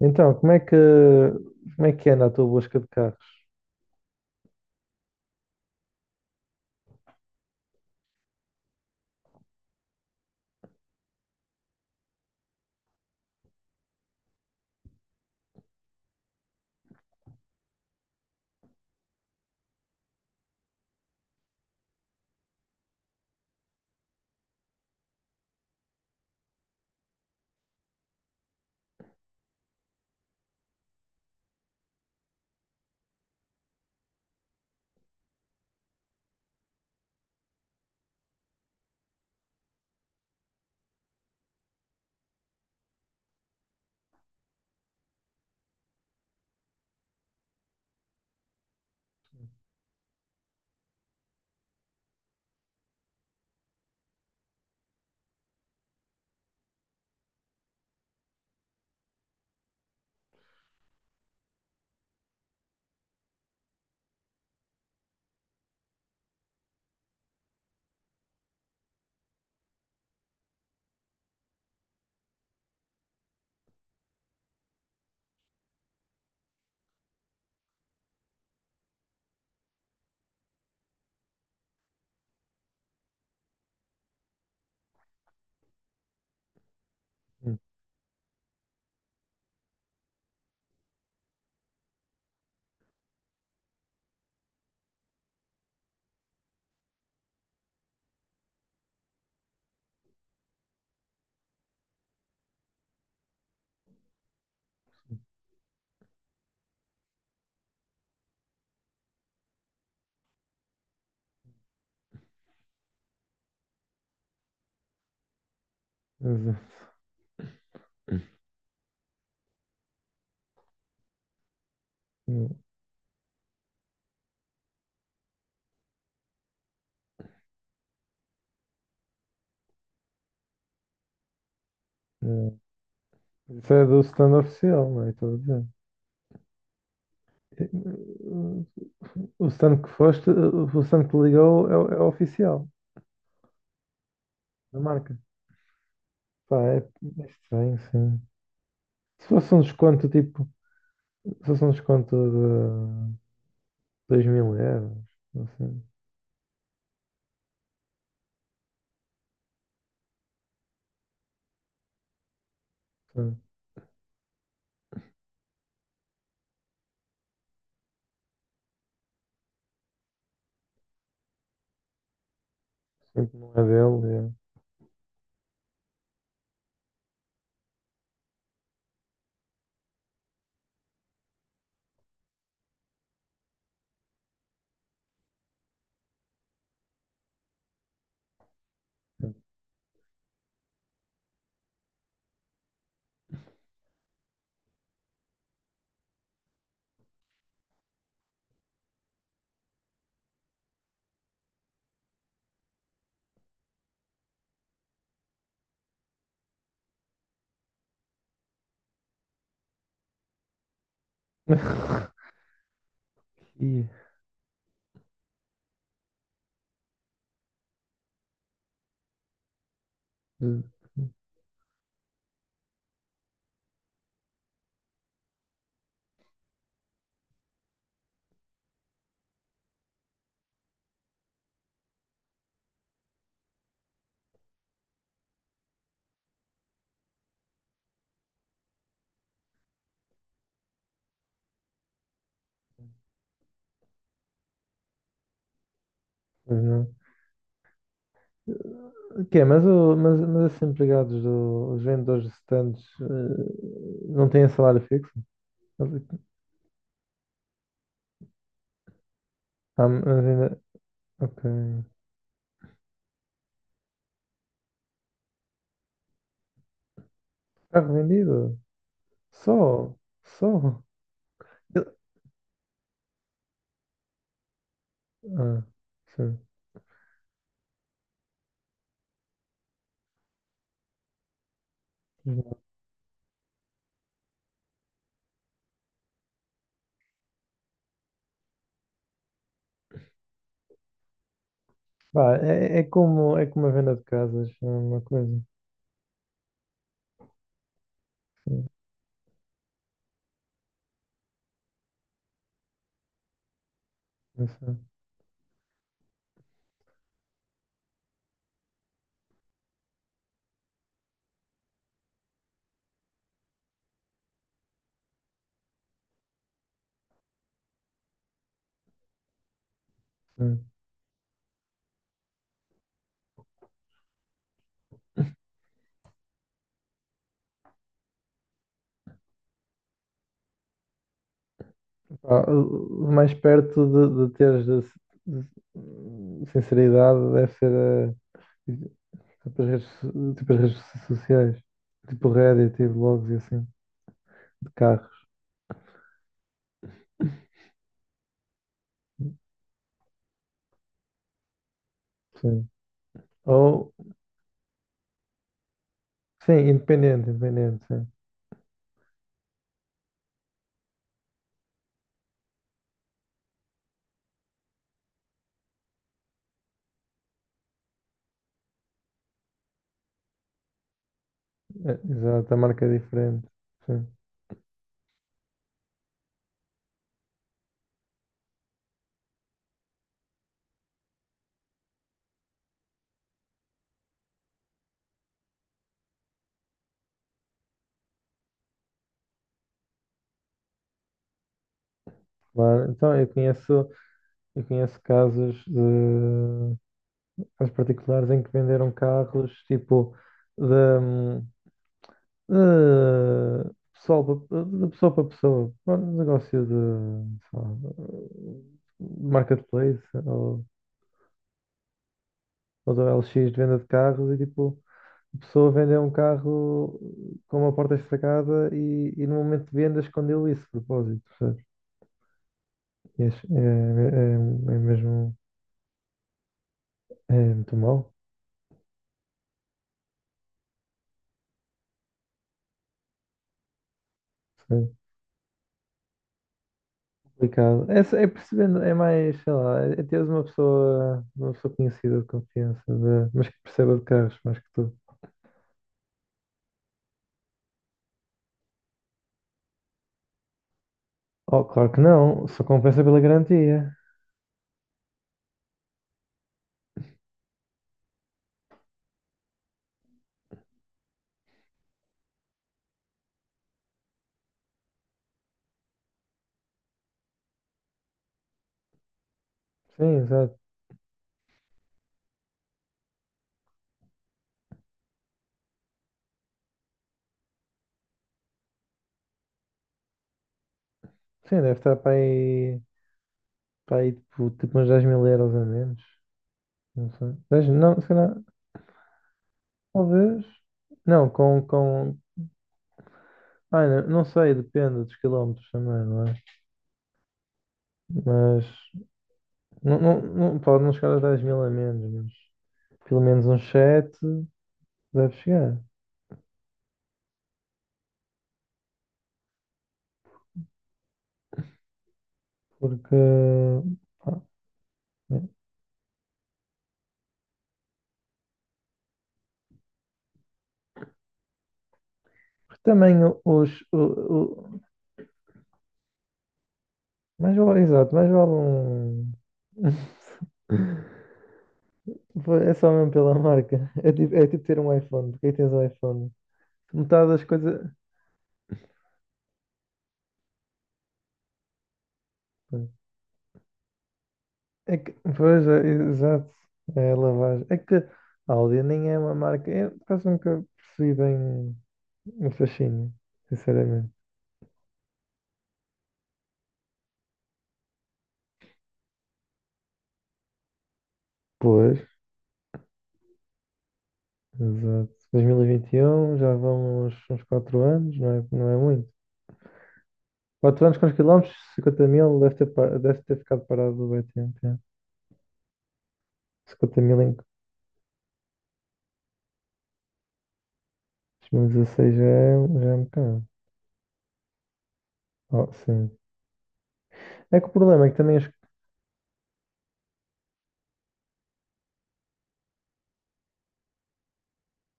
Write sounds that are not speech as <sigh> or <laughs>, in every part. Então, como é que anda a tua busca de carros? Hum, mas, hum, hum, Isso é do stand oficial, não é? Estou a dizer. O stand que foste, o stand que ligou é, é o oficial da marca. Pá, é estranho, sim. Se fosse um desconto tipo, se fosse um desconto de 2000 euros, assim, sim, sempre não é dele. É. <laughs> E, mas não. O quê? Mas esses empregados, do, os vendedores de stands, não têm salário fixo? Mas- Ah, mas ainda. Ok. Carro vendido? Só? Só? Eu- Ah, foi. Pá, é como a venda de casas, é uma coisa. Não sei. Hum. Pá, o mais perto de teres de sinceridade deve ser tipo, as redes, tipo as redes sociais, tipo Reddit e blogs e assim, de carros. Sim. Ou, sim, independente, independente, sim. Exato, a marca é diferente. Sim, claro. Então, eu conheço casos de aos particulares em que venderam carros tipo da eh, pessoal de pessoa para pessoa, um negócio de, sei lá, de marketplace ou do LX de venda de carros e tipo a pessoa vendeu um carro com uma porta estragada e no momento de venda escondeu isso de propósito, percebes? É, é mesmo é muito mau. Complicado. É, é percebendo, é mais, sei lá, é teres uma pessoa conhecida de confiança, mas que perceba de carros mais que tu. Oh, claro que não, só compensa pela garantia. Sim, exato. Sim, deve estar para aí tipo, tipo uns 10 mil euros a menos. Não sei. 10, não, se calhar, talvez. Não, com. Ai, não, não sei, depende dos quilómetros também, não é? Mas não, pode não chegar aos 10 mil a menos, mas pelo menos uns 7 deve chegar. Porque, pá, né, porque também os, o, o- mais vale, exato, mais vale um. <laughs> É só mesmo pela marca. É tipo ter um iPhone. Porque aí tens um iPhone. Metade das coisas. É que, pois, é, exato. É a lavagem. É que a Audi nem é uma marca. Eu quase nunca percebi bem o fascínio, sinceramente. Pois, exato. 2021, já vão uns, uns 4 anos, não é, não é muito. 4 anos, quantos quilómetros? 50 mil, deve ter, deve ter ficado parado bem tempo. É. Cinquenta mil em 2016 já é um bocado. Oh, sim. É que o problema é que também as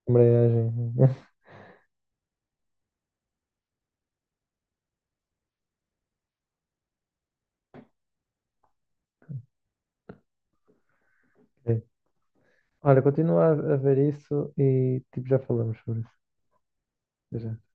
embreagem. <laughs> Sim. Olha, continua a ver isso e tipo, já falamos sobre isso. Até já.